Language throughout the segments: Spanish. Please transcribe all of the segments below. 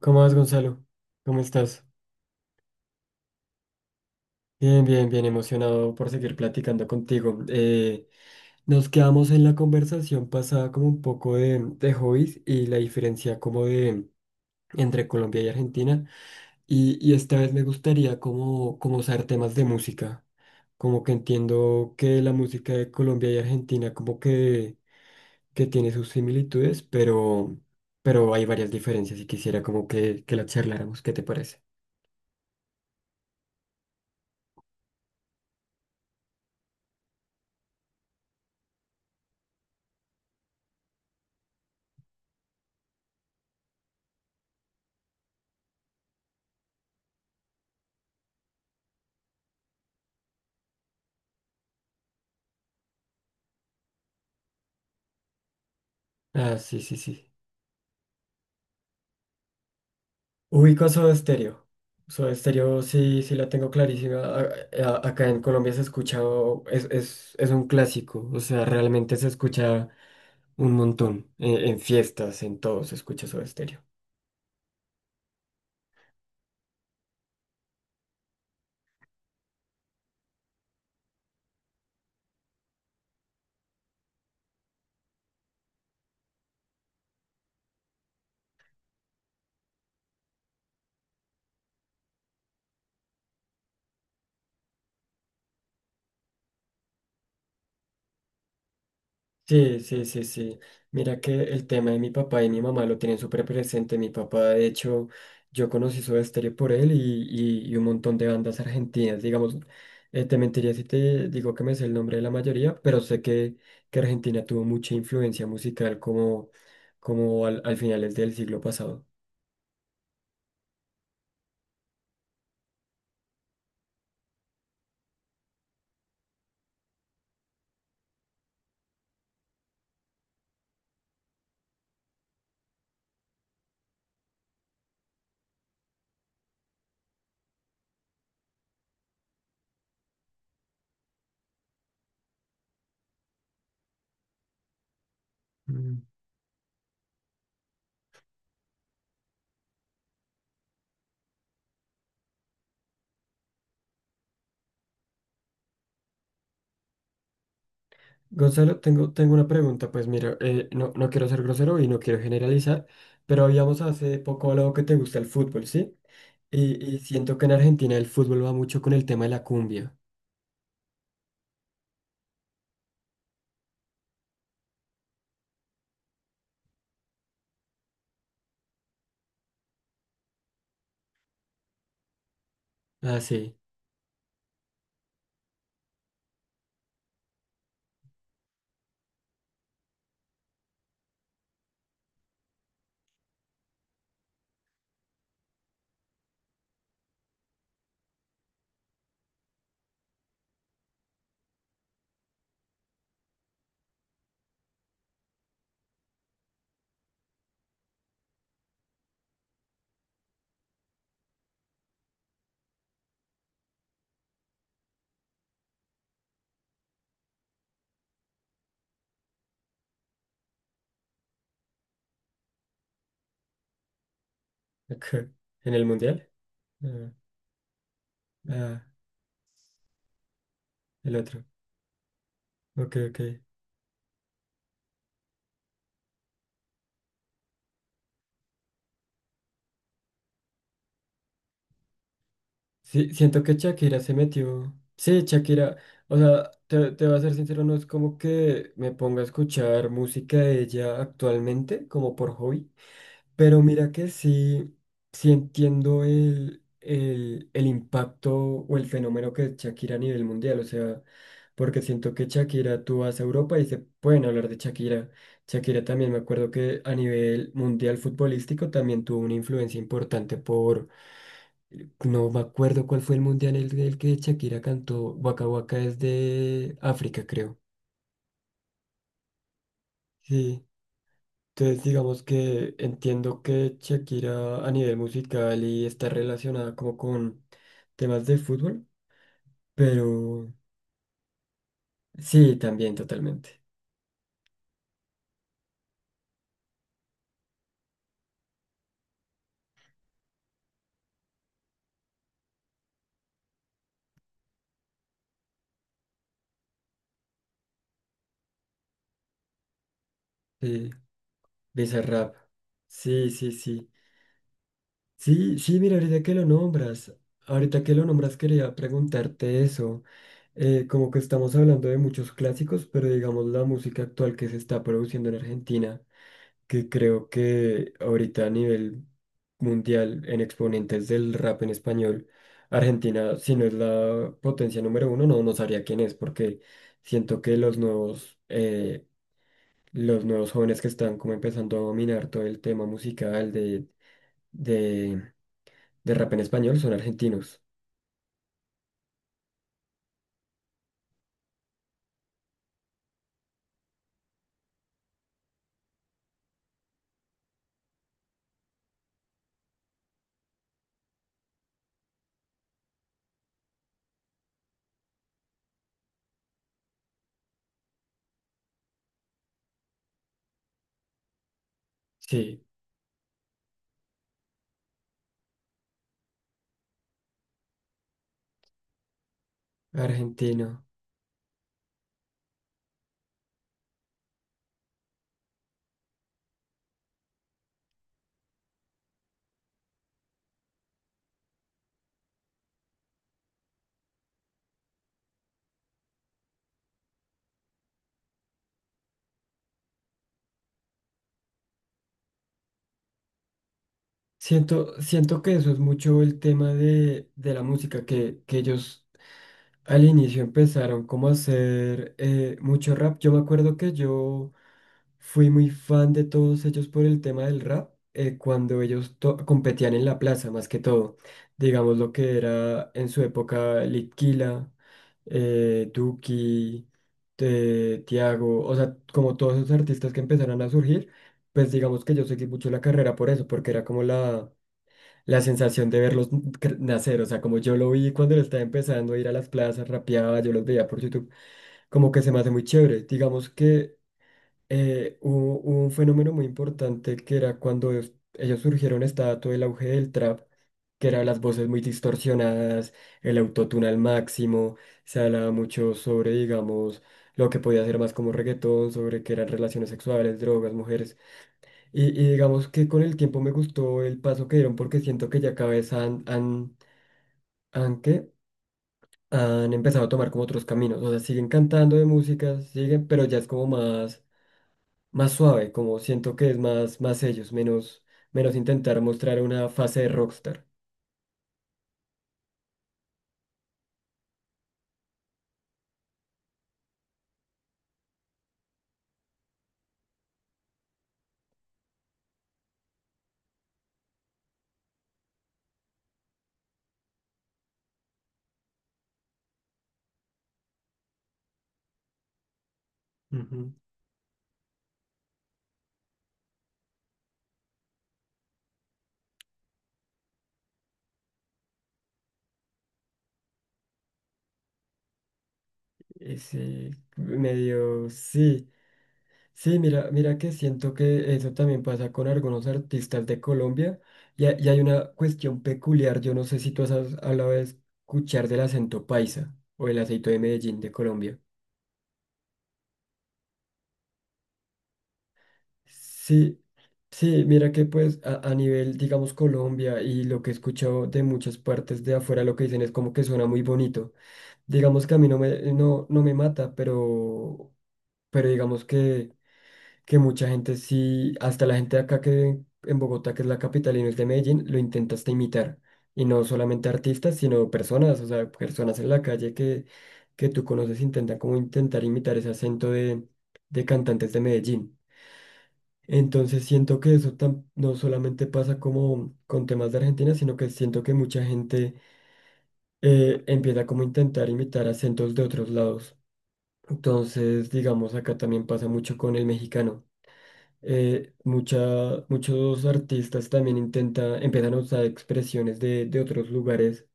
¿Cómo vas, Gonzalo? ¿Cómo estás? Bien, bien, bien emocionado por seguir platicando contigo. Nos quedamos en la conversación pasada como un poco de hobbies y la diferencia como de entre Colombia y Argentina. Y esta vez me gustaría como usar temas de música. Como que entiendo que la música de Colombia y Argentina como que tiene sus similitudes, pero hay varias diferencias y quisiera como que la charláramos. ¿Qué te parece? Ah, sí, sí, sí. Ubico Soda Stereo. Soda Stereo, sí, sí la tengo clarísima. Acá en Colombia se escucha, es un clásico. O sea, realmente se escucha un montón. En fiestas, en todo se escucha Soda Stereo. Sí, sí, sí, sí. Mira que el tema de mi papá y mi mamá lo tienen súper presente. Mi papá, de hecho, yo conocí Soda Stereo por él y un montón de bandas argentinas. Digamos, te mentiría si te digo que me sé el nombre de la mayoría, pero sé que Argentina tuvo mucha influencia musical como al finales del siglo pasado. Gonzalo, tengo una pregunta, pues mira, no, no quiero ser grosero y no quiero generalizar, pero habíamos hace poco hablado que te gusta el fútbol, ¿sí? Y siento que en Argentina el fútbol va mucho con el tema de la cumbia. Ah, sí. Ok. ¿En el mundial? Ah, ah, el otro. Ok, ok. Sí, siento que Shakira se metió. Sí, Shakira, o sea, te voy a ser sincero, no es como que me ponga a escuchar música de ella actualmente, como por hobby, pero mira que sí, sí entiendo el impacto o el fenómeno que es Shakira a nivel mundial. O sea, porque siento que Shakira, tú vas a Europa y se pueden hablar de Shakira. Shakira también, me acuerdo que a nivel mundial futbolístico también tuvo una influencia importante. No me acuerdo cuál fue el mundial en el que Shakira cantó. Waka Waka es de África, creo. Sí. Entonces digamos que entiendo que Shakira a nivel musical y está relacionada como con temas de fútbol, pero sí, también totalmente. Sí, Bizarrap. Sí, sí, sí. Sí, sí, mira, ahorita que lo nombras, ahorita que lo nombras quería preguntarte eso. Como que estamos hablando de muchos clásicos, pero digamos la música actual que se está produciendo en Argentina, que creo que ahorita a nivel mundial en exponentes del rap en español, Argentina, si no es la potencia número uno, no, no sabría quién es, porque siento que los nuevos jóvenes que están como empezando a dominar todo el tema musical de de rap en español son argentinos. Sí, argentino. Siento, siento que eso es mucho el tema de la música, que ellos al inicio empezaron como a hacer mucho rap. Yo me acuerdo que yo fui muy fan de todos ellos por el tema del rap, cuando competían en la plaza, más que todo. Digamos lo que era en su época Litquila, Duki, Tiago, o sea, como todos esos artistas que empezaron a surgir, pues digamos que yo seguí mucho la carrera por eso, porque era como la la sensación de nacer. O sea, como yo lo vi cuando lo estaba empezando a ir a las plazas, rapeaba, yo los veía por YouTube, como que se me hace muy chévere. Digamos que hubo, hubo un fenómeno muy importante que era cuando ellos surgieron, estaba todo el auge del trap, que eran las voces muy distorsionadas, el autotune al máximo, se hablaba mucho sobre, digamos, lo que podía ser más como reggaetón, sobre que eran relaciones sexuales, drogas, mujeres. Y digamos que con el tiempo me gustó el paso que dieron porque siento que ya cada vez ¿qué? Han empezado a tomar como otros caminos. O sea, siguen cantando de música, siguen, pero ya es como más, más suave, como siento que es más, más ellos, menos, menos intentar mostrar una fase de rockstar. Ujú. Ese medio, sí. Sí, mira, mira que siento que eso también pasa con algunos artistas de Colombia y hay una cuestión peculiar. Yo no sé si tú has hablado de escuchar del acento paisa o el acento de Medellín de Colombia. Sí, sí, mira que pues a nivel, digamos, Colombia y lo que he escuchado de muchas partes de afuera, lo que dicen es como que suena muy bonito. Digamos que a mí no me, no, no me mata, pero digamos que mucha gente sí, hasta la gente de acá que en Bogotá, que es la capital y no es de Medellín, lo intenta hasta imitar. Y no solamente artistas, sino personas, o sea, personas en la calle que tú conoces intentan como intentar imitar ese acento de cantantes de Medellín. Entonces siento que eso no solamente pasa como con temas de Argentina, sino que siento que mucha gente empieza como a intentar imitar acentos de otros lados. Entonces, digamos, acá también pasa mucho con el mexicano. Muchos artistas también intentan, empiezan a usar expresiones de otros lugares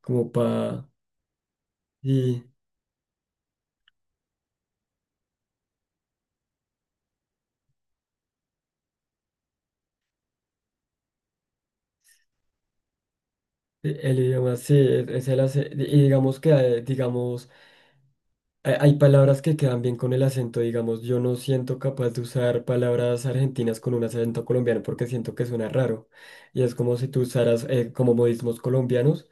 como para... Y el idioma sí, es el acento. Y digamos que, digamos, hay palabras que quedan bien con el acento. Digamos, yo no siento capaz de usar palabras argentinas con un acento colombiano porque siento que suena raro. Y es como si tú usaras como modismos colombianos,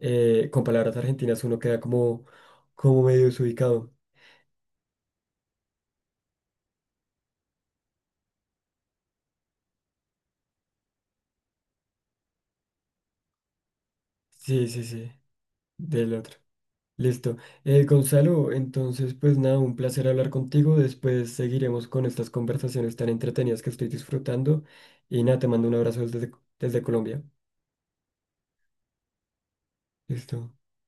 con palabras argentinas uno queda como, como medio desubicado. Sí, sí, sí, del otro. Listo. Gonzalo, entonces pues nada, un placer hablar contigo. Después seguiremos con estas conversaciones tan entretenidas que estoy disfrutando. Y nada, te mando un abrazo desde, desde Colombia. Listo.